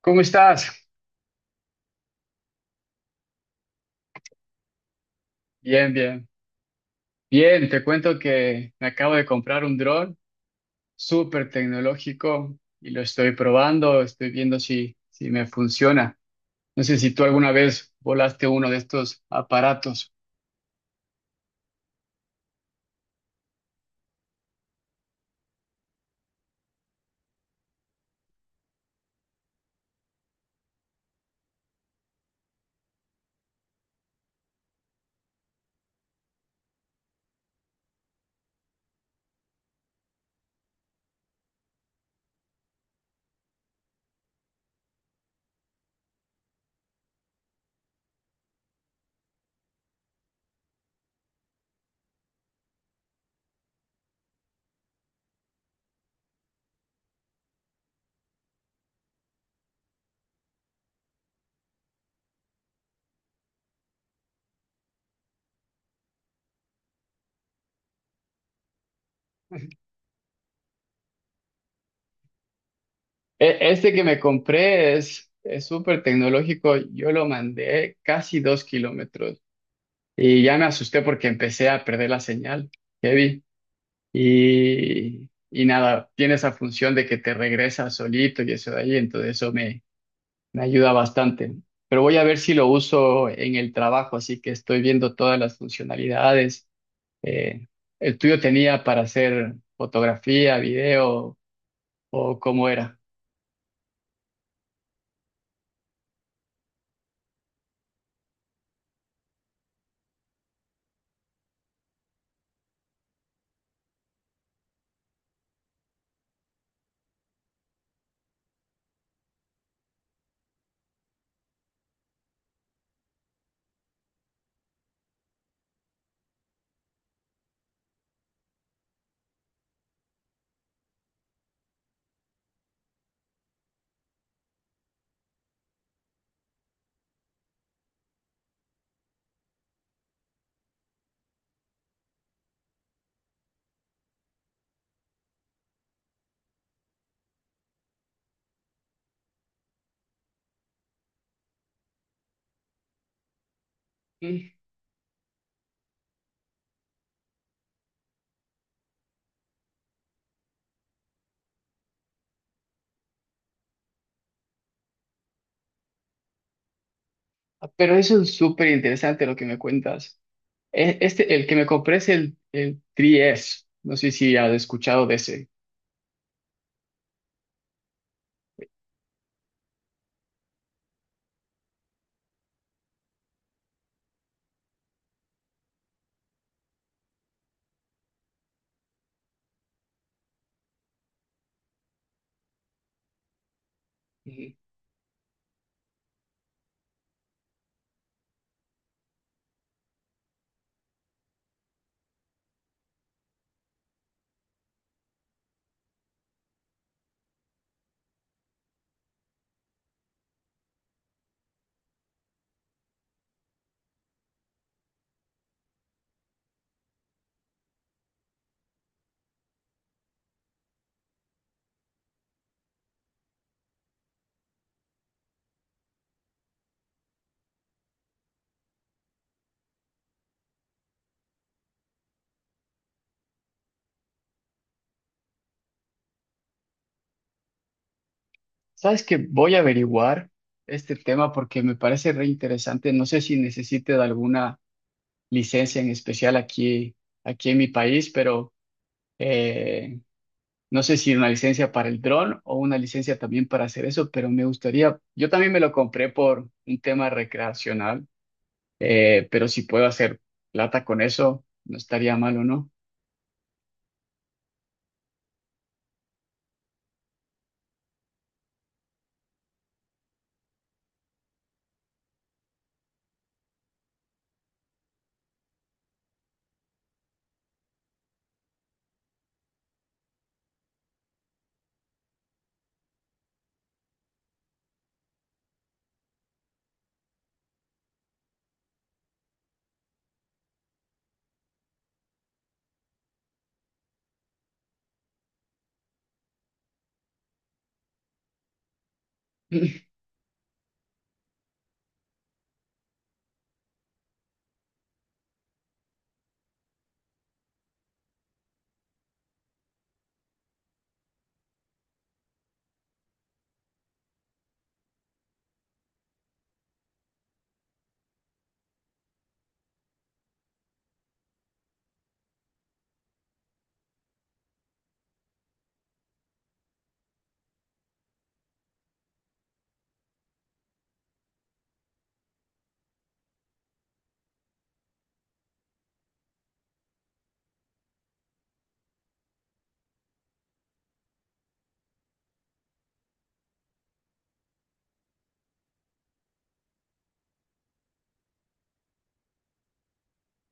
¿Cómo estás? Bien, bien. Bien, te cuento que me acabo de comprar un dron súper tecnológico y lo estoy probando, estoy viendo si me funciona. No sé si tú alguna vez volaste uno de estos aparatos. Este que me compré es súper tecnológico, yo lo mandé casi 2 km y ya me asusté porque empecé a perder la señal, heavy. Y nada, tiene esa función de que te regresa solito y eso de ahí, entonces eso me ayuda bastante, pero voy a ver si lo uso en el trabajo, así que estoy viendo todas las funcionalidades. Eh, ¿El tuyo tenía para hacer fotografía, video o cómo era? Mm. Pero eso es súper interesante lo que me cuentas. Este, el que me compré es el 3S. No sé si has escuchado de ese. Ujú. ¿Sabes? Que Voy a averiguar este tema porque me parece re interesante. No sé si necesites alguna licencia en especial aquí, aquí en mi país, pero eh, no sé si una licencia para el dron o una licencia también para hacer eso, pero me gustaría, yo también me lo compré por un tema recreacional, pero si puedo hacer plata con eso, no estaría malo, ¿no?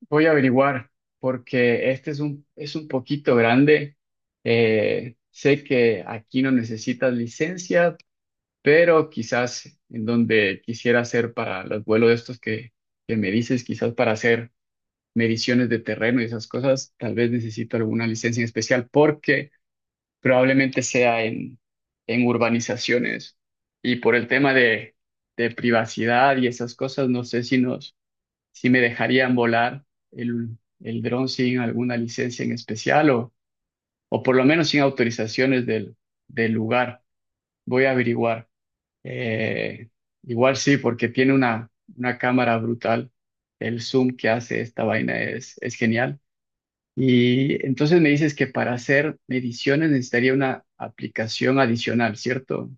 Voy a averiguar, porque este es un poquito grande. Sé que aquí no necesitas licencia, pero quizás en donde quisiera hacer para los vuelos de estos que me dices, quizás para hacer mediciones de terreno y esas cosas, tal vez necesito alguna licencia en especial porque probablemente sea en urbanizaciones y por el tema de privacidad y esas cosas, no sé si nos, si me dejarían volar el dron sin alguna licencia en especial o por lo menos sin autorizaciones del lugar. Voy a averiguar. Eh, Igual sí, porque tiene una cámara brutal. El zoom que hace esta vaina es genial. Y entonces me dices que para hacer mediciones necesitaría una aplicación adicional, ¿cierto?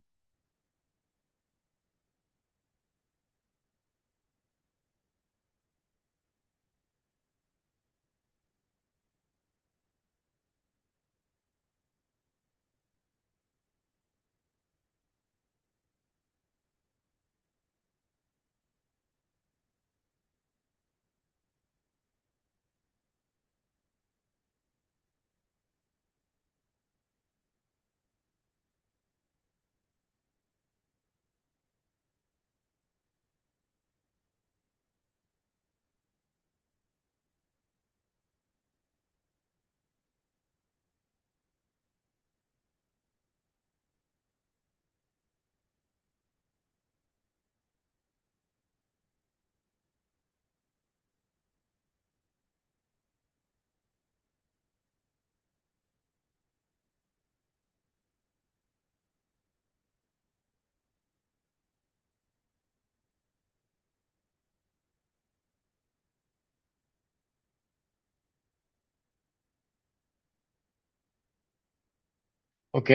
Ok,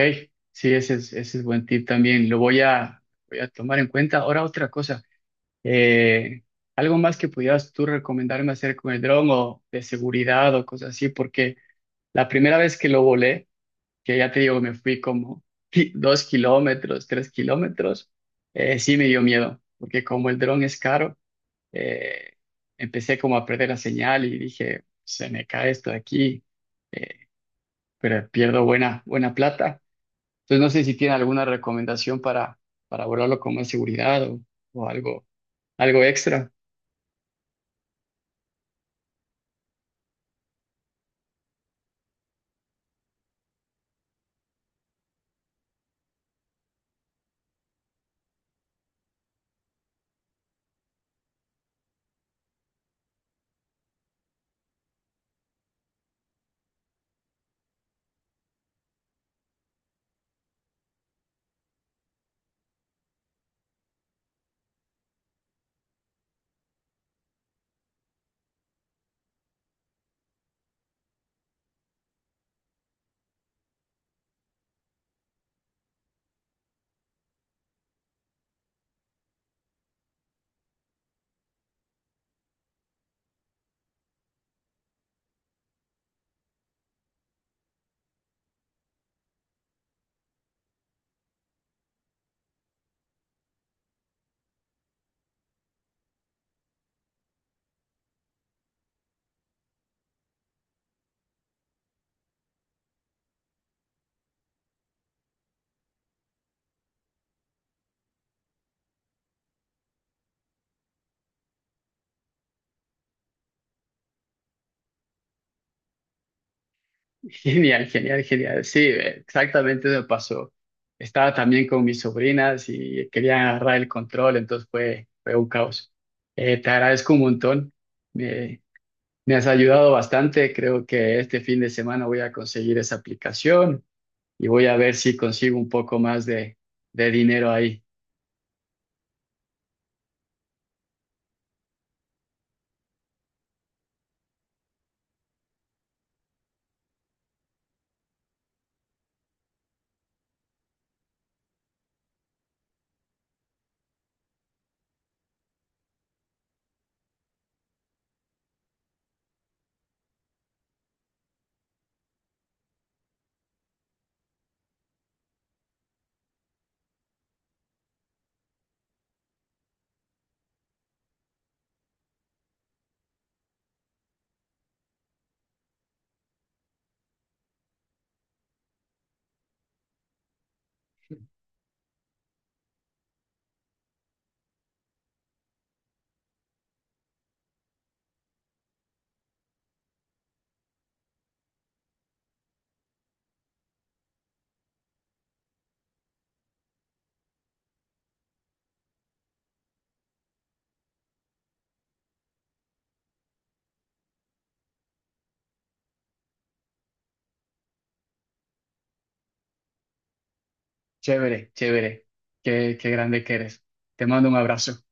sí, ese es buen tip también. Lo voy voy a tomar en cuenta. Ahora otra cosa. Eh, algo más que pudieras tú recomendarme hacer con el dron o de seguridad o cosas así, porque la primera vez que lo volé, que ya te digo, me fui como 2 km, 3 km, sí me dio miedo, porque como el dron es caro, eh, empecé como a perder la señal y dije, se me cae esto de aquí, pero pierdo buena, buena plata. Entonces no sé si tiene alguna recomendación para volarlo con más seguridad o algo, algo extra. Genial, genial, genial. Sí, exactamente me pasó. Estaba también con mis sobrinas y querían agarrar el control, entonces fue, fue un caos. Te agradezco un montón. Me, me has ayudado bastante. Creo que este fin de semana voy a conseguir esa aplicación y voy a ver si consigo un poco más de dinero ahí. Chévere, chévere. Qué, qué grande que eres. Te mando un abrazo.